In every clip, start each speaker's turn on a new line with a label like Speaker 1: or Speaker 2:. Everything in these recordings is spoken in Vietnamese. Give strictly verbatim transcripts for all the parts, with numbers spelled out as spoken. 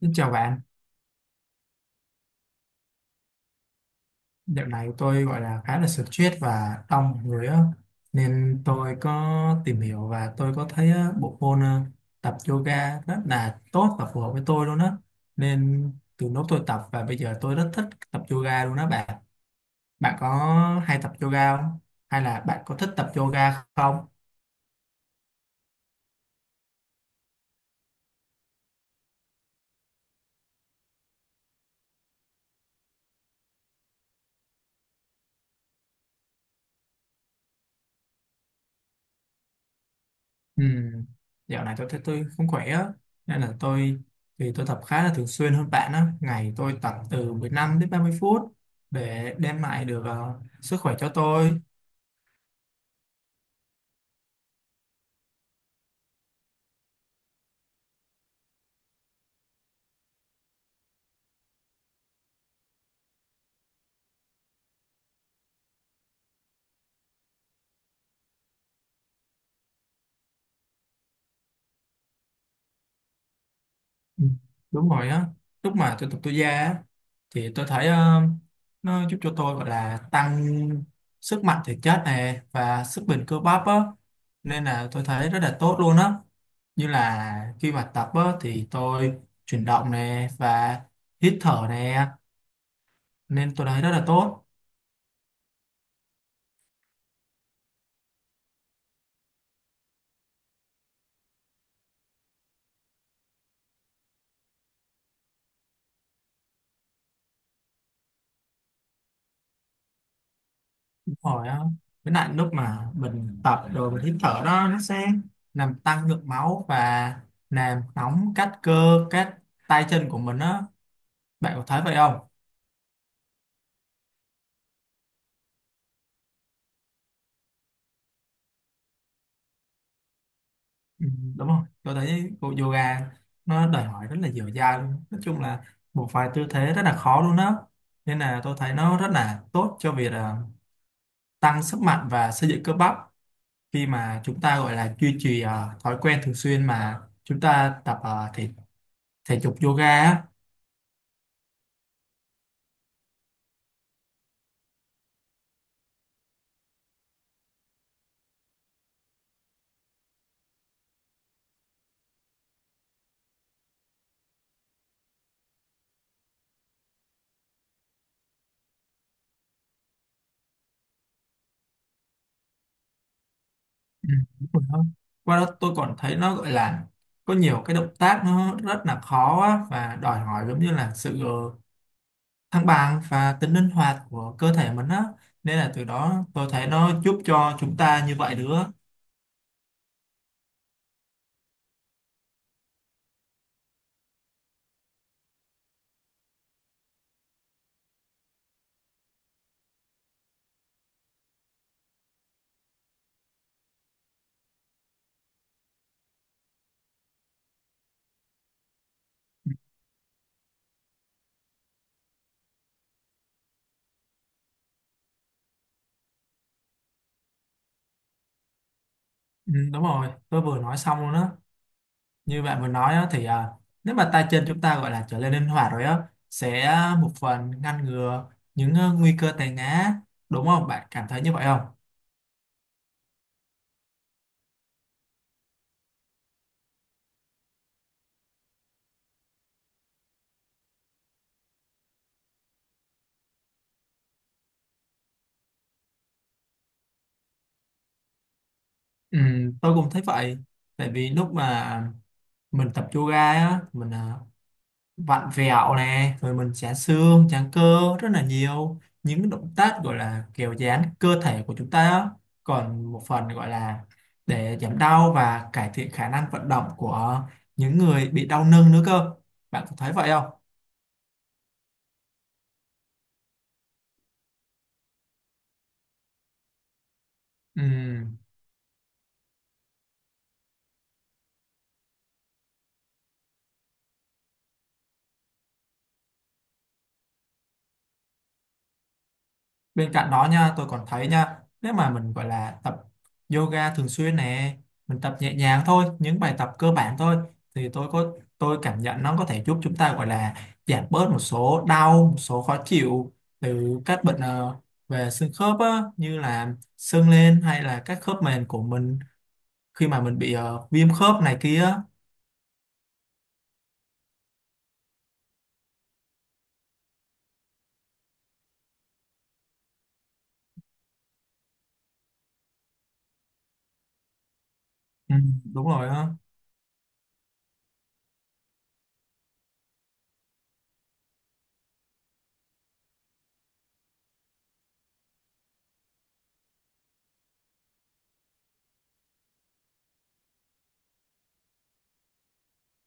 Speaker 1: Xin chào bạn, dạo này tôi gọi là khá là stress và đông người á, nên tôi có tìm hiểu và tôi có thấy á, bộ môn ờ, tập yoga rất là tốt và phù hợp với tôi luôn á, nên từ lúc tôi tập và bây giờ tôi rất thích tập yoga luôn á bạn. Bạn có hay tập yoga không? Hay là bạn có thích tập yoga không? Ừ. Dạo này tôi thấy tôi không khỏe á, nên là tôi, thì tôi tập khá là thường xuyên hơn bạn á, ngày tôi tập từ mười lăm đến ba mươi phút để đem lại được ờ, sức khỏe cho tôi. Ừ, đúng rồi á, lúc mà tôi tập tôi ra á, thì tôi thấy ờ, nó giúp cho tôi gọi là tăng sức mạnh thể chất này và sức bền cơ bắp á, nên là tôi thấy rất là tốt luôn á, như là khi mà tập á, thì tôi chuyển động nè và hít thở nè, nên tôi thấy rất là tốt. Đúng rồi á, với lại lúc mà mình tập rồi mình hít thở đó, nó sẽ làm tăng lượng máu và làm nóng các cơ, các tay chân của mình á, bạn có thấy vậy không? Ừ, đúng không, tôi thấy bộ yoga nó đòi hỏi rất là dẻo dai luôn, nói chung là một vài tư thế rất là khó luôn đó, nên là tôi thấy nó rất là tốt cho việc à, tăng sức mạnh và xây dựng cơ bắp khi mà chúng ta gọi là duy trì à, thói quen thường xuyên mà chúng ta tập à, thể thể dục yoga á. Ừ, đúng rồi đó. Qua đó tôi còn thấy nó gọi là có nhiều cái động tác nó rất là khó á, và đòi hỏi giống như là sự ờ, thăng bằng và tính linh hoạt của cơ thể mình á, nên là từ đó tôi thấy nó giúp cho chúng ta như vậy nữa. Ừ, đúng rồi tôi vừa nói xong luôn á, như bạn vừa nói á, thì à, nếu mà tay chân chúng ta gọi là trở nên linh hoạt rồi á, sẽ à, một phần ngăn ngừa những ờ, nguy cơ té ngã, đúng không? Bạn cảm thấy như vậy không? Ừ, tôi cũng thấy vậy, tại vì lúc mà mình tập yoga á mình à, vặn vẹo nè rồi mình giãn xương giãn cơ, rất là nhiều những động tác gọi là kiểu giãn cơ thể của chúng ta á. Còn một phần gọi là để giảm đau và cải thiện khả năng vận động của những người bị đau lưng nữa cơ, bạn có thấy vậy không? Ừ. Bên cạnh đó nha, tôi còn thấy nha, nếu mà mình gọi là tập yoga thường xuyên nè, mình tập nhẹ nhàng thôi, những bài tập cơ bản thôi, thì tôi có, tôi cảm nhận nó có thể giúp chúng ta gọi là giảm bớt một số đau, một số khó chịu từ các bệnh ờ, về xương khớp á, như là sưng lên hay là các khớp mềm của mình khi mà mình bị ờ, viêm khớp này kia. Ừ, đúng rồi á.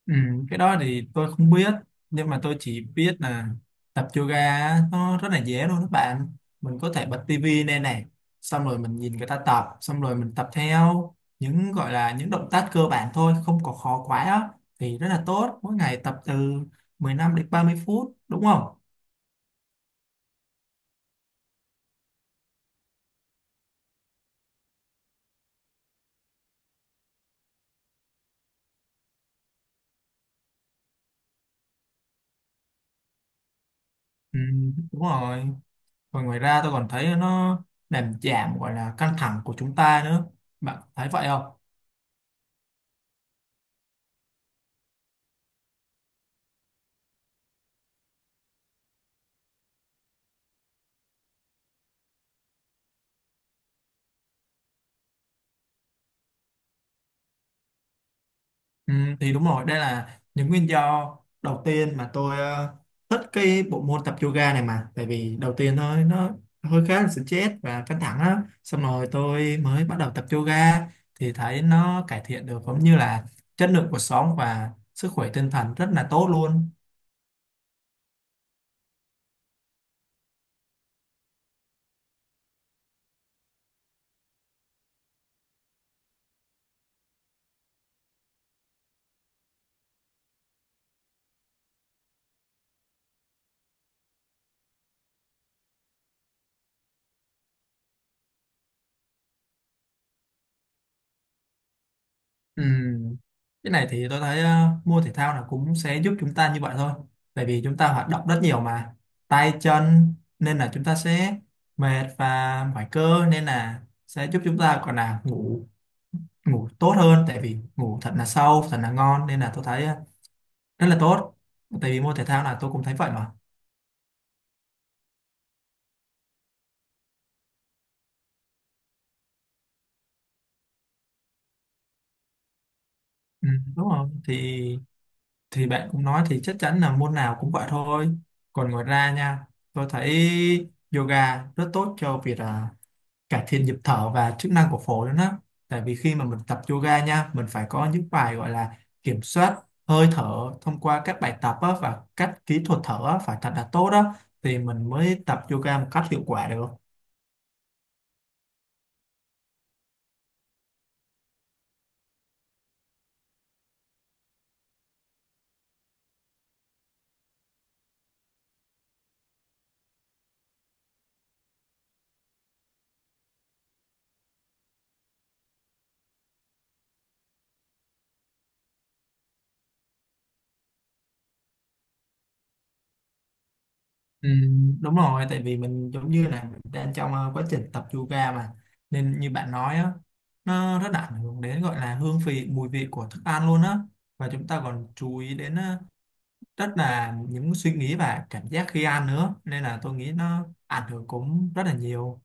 Speaker 1: Ừ, cái đó thì tôi không biết, nhưng mà tôi chỉ biết là tập yoga á, nó rất là dễ luôn các bạn, mình có thể bật tivi lên này, xong rồi mình nhìn người ta tập xong rồi mình tập theo những gọi là những động tác cơ bản thôi, không có khó quá á, thì rất là tốt, mỗi ngày tập từ mười lăm đến ba mươi phút đúng không? Ừ, đúng rồi. Còn ngoài ra tôi còn thấy nó làm giảm gọi là căng thẳng của chúng ta nữa, bạn thấy vậy không? Ừ, thì đúng rồi, đây là những nguyên do đầu tiên mà tôi ờ, thích cái bộ môn tập yoga này, mà tại vì đầu tiên thôi nó hơi khá là stress và căng thẳng á, xong rồi tôi mới bắt đầu tập yoga thì thấy nó cải thiện được cũng như là chất lượng cuộc sống và sức khỏe tinh thần rất là tốt luôn. Ừ. Cái này thì tôi thấy ờ, mua thể thao là cũng sẽ giúp chúng ta như vậy thôi. Tại vì chúng ta hoạt động rất nhiều mà tay chân, nên là chúng ta sẽ mệt và mỏi cơ, nên là sẽ giúp chúng ta còn là ngủ, ngủ tốt hơn, tại vì ngủ thật là sâu, thật là ngon, nên là tôi thấy ờ, rất là tốt. Tại vì môn thể thao là tôi cũng thấy vậy mà. Ừ, đúng rồi. Thì thì bạn cũng nói thì chắc chắn là môn nào cũng vậy thôi. Còn ngoài ra nha, tôi thấy yoga rất tốt cho việc ờ, cải thiện nhịp thở và chức năng của phổi nữa đó. Tại vì khi mà mình tập yoga nha, mình phải có những bài gọi là kiểm soát hơi thở thông qua các bài tập á, và các kỹ thuật thở á, phải thật là tốt đó thì mình mới tập yoga một cách hiệu quả được. Ừ, đúng rồi, tại vì mình giống như là mình đang trong ờ, quá trình tập yoga mà, nên như bạn nói á, nó rất là ảnh hưởng đến gọi là hương vị, mùi vị của thức ăn luôn á, và chúng ta còn chú ý đến ờ, rất là những suy nghĩ và cảm giác khi ăn nữa, nên là tôi nghĩ nó ảnh hưởng cũng rất là nhiều.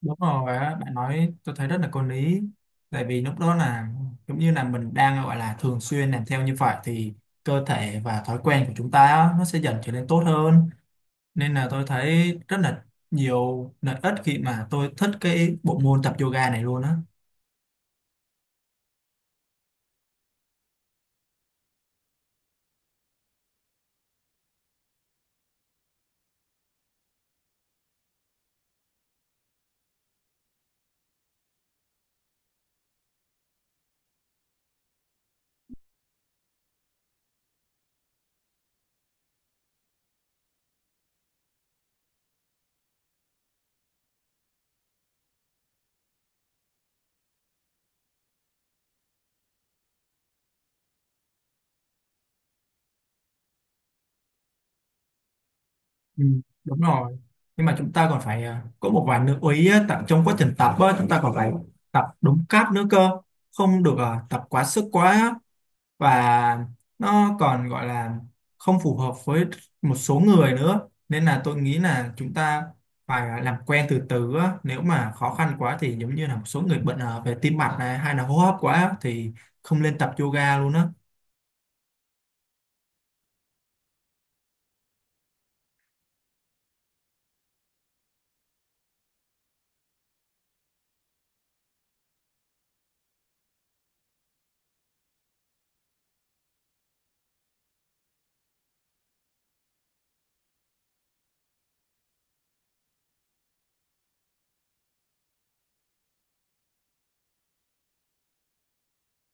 Speaker 1: Đúng rồi á, bạn nói tôi thấy rất là có lý, tại vì lúc đó là giống như là mình đang gọi là thường xuyên làm theo như vậy, thì cơ thể và thói quen của chúng ta á, nó sẽ dần trở nên tốt hơn, nên là tôi thấy rất là nhiều lợi ích khi mà tôi thích cái bộ môn tập yoga này luôn á. Ừ, đúng rồi, nhưng mà chúng ta còn phải à, có một vài lưu ý á, tại trong quá trình tập á, chúng ta còn phải tập đúng cách nữa cơ, không được à, tập quá sức quá á. Và nó còn gọi là không phù hợp với một số người nữa, nên là tôi nghĩ là chúng ta phải à, làm quen từ từ á. Nếu mà khó khăn quá thì giống như là một số người bệnh à, về tim mạch này hay là hô hấp quá á, thì không nên tập yoga luôn á.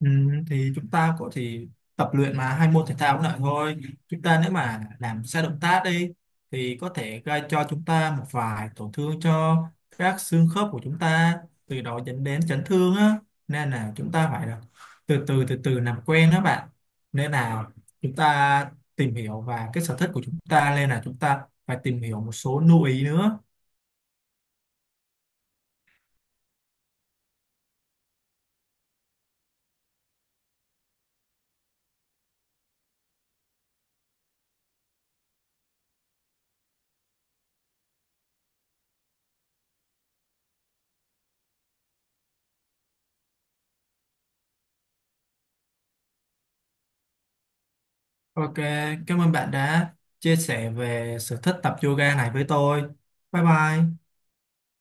Speaker 1: Ừ, thì chúng ta có thể tập luyện mà hai môn thể thao cũng lại thôi, chúng ta nếu mà làm sai động tác đi thì có thể gây cho chúng ta một vài tổn thương cho các xương khớp của chúng ta, từ đó dẫn đến chấn thương á, nên là chúng ta phải là từ từ từ từ làm quen đó bạn, nên là chúng ta tìm hiểu và cái sở thích của chúng ta, nên là chúng ta phải tìm hiểu một số lưu ý nữa. Ok, cảm ơn bạn đã chia sẻ về sở thích tập yoga này với tôi. Bye bye.